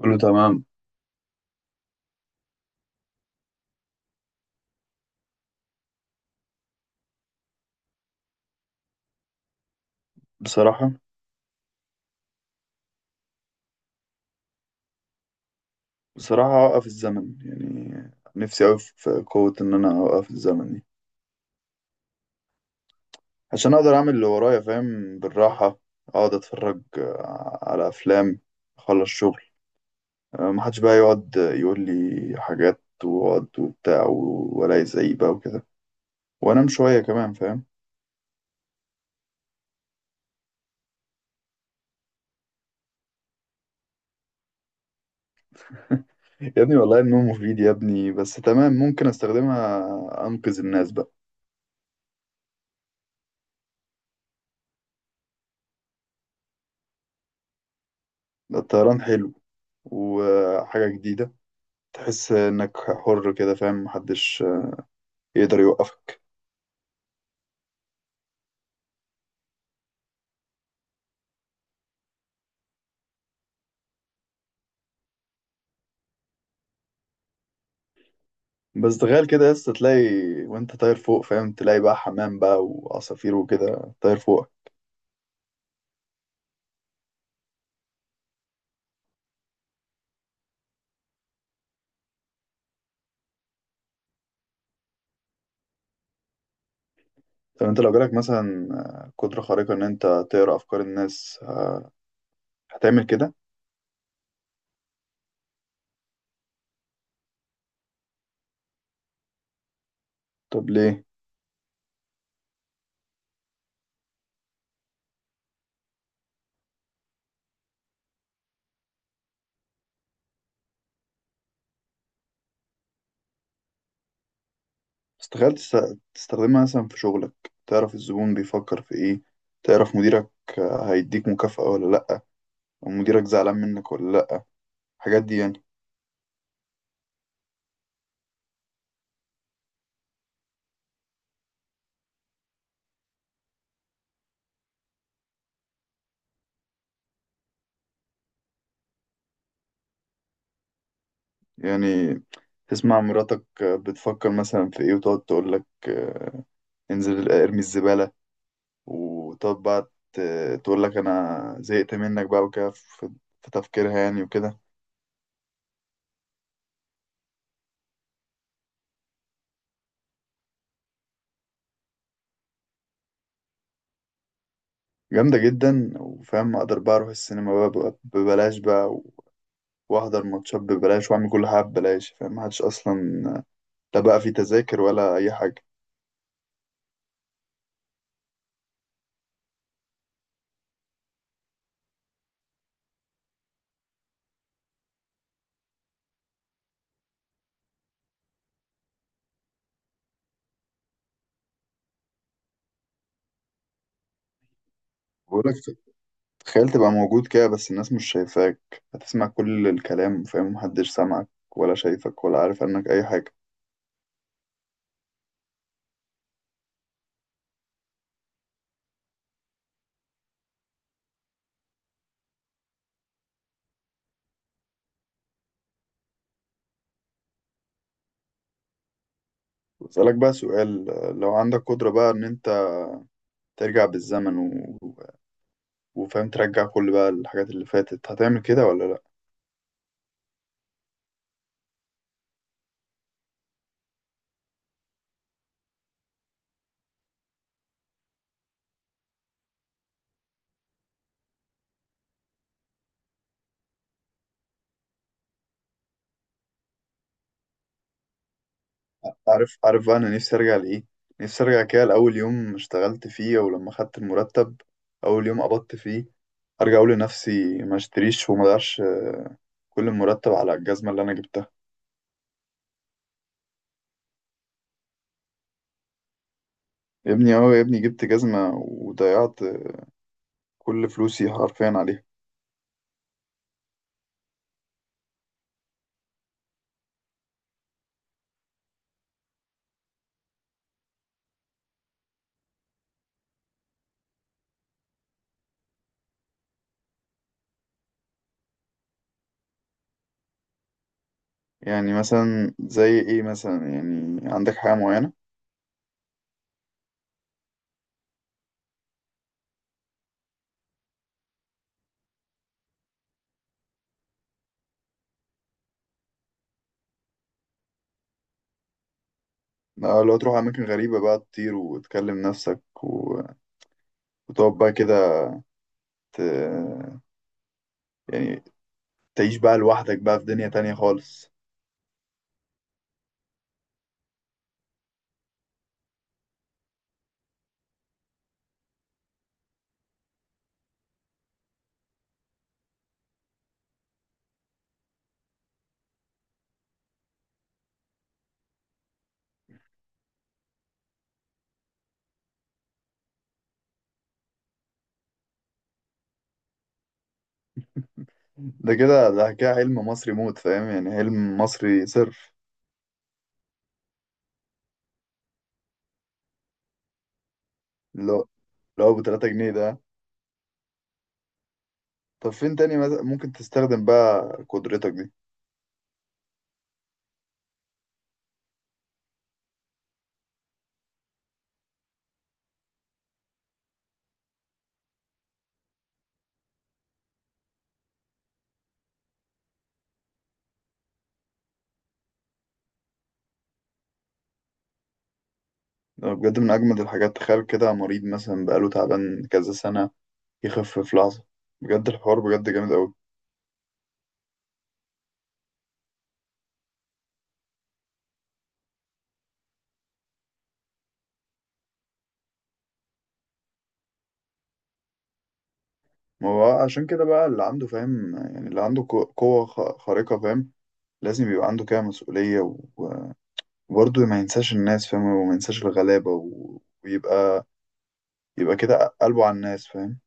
كله تمام. بصراحة، بصراحة أوقف الزمن يعني. نفسي أوي في قوة إن أنا أوقف الزمن دي. عشان أقدر أعمل اللي ورايا، فاهم، بالراحة أقعد أتفرج على أفلام، أخلص شغل محدش بقى يقعد يقول لي حاجات وقعد وبتاع ولا يزعيق بقى وكده، وأنام شوية كمان فاهم. يا ابني والله النوم مفيد يا ابني، بس تمام ممكن أستخدمها أنقذ الناس بقى. ده الطيران حلو وحاجة جديدة، تحس انك حر كده، فاهم، محدش يقدر يوقفك. بس تخيل كده يا اسطى تلاقي وانت طاير فوق، فاهم، تلاقي بقى حمام بقى وعصافير وكده طاير فوق. طب انت لو جالك مثلا قدرة خارقة ان انت تقرا افكار الناس، هتعمل كده؟ طب ليه؟ بس تخيل تستخدمها مثلا في شغلك، تعرف الزبون بيفكر في ايه، تعرف مديرك هيديك مكافأة ولا لأ، ومديرك زعلان منك ولا لأ، الحاجات دي يعني. يعني تسمع مراتك بتفكر مثلا في ايه، وتقعد تقولك انزل ارمي الزبالة، وتقعد بقى تقول لك انا زهقت منك بقى وكده، في تفكيرها يعني وكده. جامدة جدا، وفاهم اقدر بقى اروح السينما بقى ببلاش بقى، واحضر ماتشات ببلاش، واعمل كل حاجة ببلاش، فاهم، محدش اصلا لا بقى في تذاكر ولا اي حاجة. بقولك، تخيل تبقى موجود كده بس الناس مش شايفاك، هتسمع كل الكلام، فاهم، محدش سامعك ولا شايفك ولا عارف عنك اي حاجة. بسألك بقى سؤال، لو عندك قدرة بقى ان انت ترجع بالزمن، وفاهم ترجع كل بقى الحاجات اللي فاتت، هتعمل كده ولا لأ؟ عارف، عارف بقى أنا نفسي أرجع لإيه؟ نفسي أرجع كده لأول يوم اشتغلت فيه، أو لما خدت المرتب، أول يوم قبضت فيه، أرجع أقول لنفسي ما اشتريش وما ضيعش كل المرتب على الجزمة اللي أنا جبتها. يا ابني أهو يا ابني جبت جزمة وضيعت كل فلوسي حرفيا عليها. يعني مثلا زي إيه مثلا؟ يعني عندك حاجة معينة؟ لو تروح أماكن غريبة بقى، تطير وتكلم نفسك وتقعد بقى كده، ت- يعني تعيش بقى لوحدك بقى في دنيا تانية خالص. ده كده حلم مصري موت، فاهم، يعني حلم مصري صرف. اللي هو اللي هو بتلاتة جنيه ده. طب فين تاني مثلا ممكن تستخدم بقى قدرتك دي؟ ده بجد من أجمد الحاجات. تخيل كده مريض مثلا بقاله تعبان كذا سنة يخف في لحظة، بجد الحوار بجد جامد أوي. ما هو عشان كده بقى اللي عنده فاهم، يعني اللي عنده قوة خارقة، فاهم، لازم يبقى عنده كده مسؤولية وبرضه ما ينساش الناس، فاهم، وما ينساش الغلابة ويبقى كده قلبه على الناس، فاهم.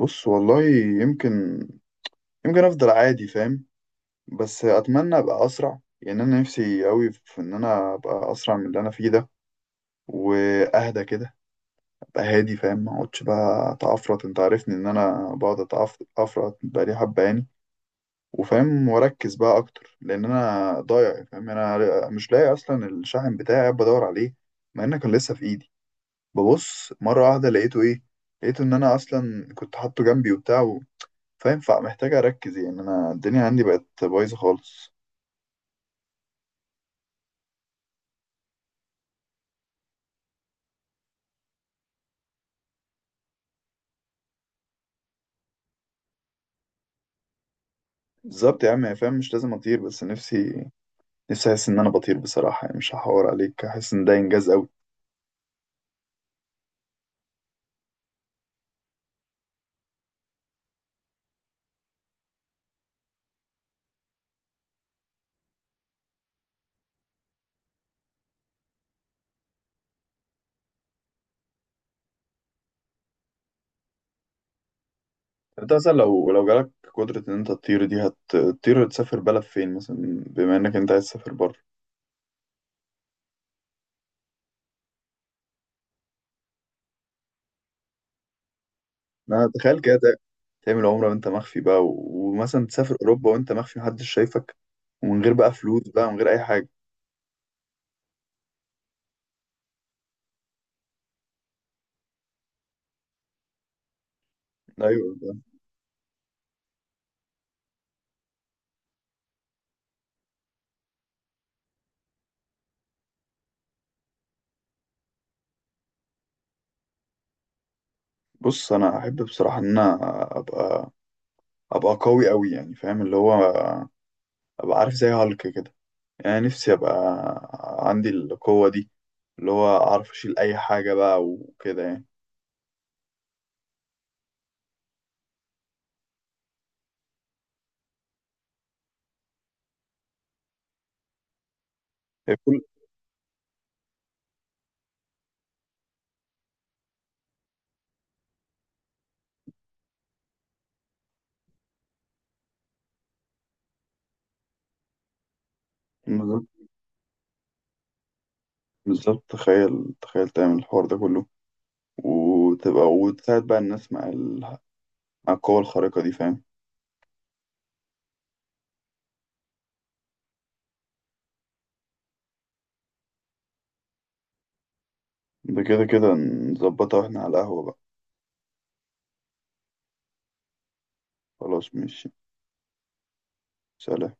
بص والله، يمكن يمكن افضل عادي فاهم، بس اتمنى ابقى اسرع يعني. انا نفسي قوي في ان انا ابقى اسرع من اللي انا فيه ده، واهدى كده، ابقى هادي فاهم، ما اقعدش بقى اتعفرط. انت عارفني ان انا بقعد اتعفرط بقالي حبه يعني. وفاهم واركز بقى اكتر لان انا ضايع فاهم. انا مش لاقي اصلا الشاحن بتاعي، قاعد بدور عليه مع انه كان لسه في ايدي، ببص مره واحده لقيته ايه؟ لقيته ان انا اصلا كنت حاطه جنبي وبتاع. فينفع، محتاج اركز يعني، انا الدنيا عندي بقت بايظه خالص. بالظبط يا عم يا فاهم، مش لازم اطير بس نفسي، نفسي احس ان انا بطير بصراحه يعني، مش هحور عليك، احس ان ده انجاز قوي. انت مثلا لو جالك قدره ان انت تطير دي، هتطير تسافر بلد فين مثلا، بما انك انت عايز تسافر بره؟ انا تخيل كده تعمل عمره وانت مخفي بقى ومثلا تسافر اوروبا وانت مخفي، محدش شايفك، ومن غير بقى فلوس بقى ومن غير اي حاجه. ايوه ده. بص انا احب بصراحه ان انا ابقى ابقى قوي قوي يعني، فاهم، اللي هو ابقى عارف زي هالك كده. يعني نفسي ابقى عندي القوة دي، اللي هو اعرف اشيل اي حاجة بقى وكده يعني. هي كل، بالظبط، بالظبط تخيل، تخيل تعمل الحوار ده كله وتبقى وتساعد بقى الناس مع ال... مع القوة الخارقة دي، فاهم. ده كده نظبطها واحنا على القهوة بقى. خلاص ماشي، سلام.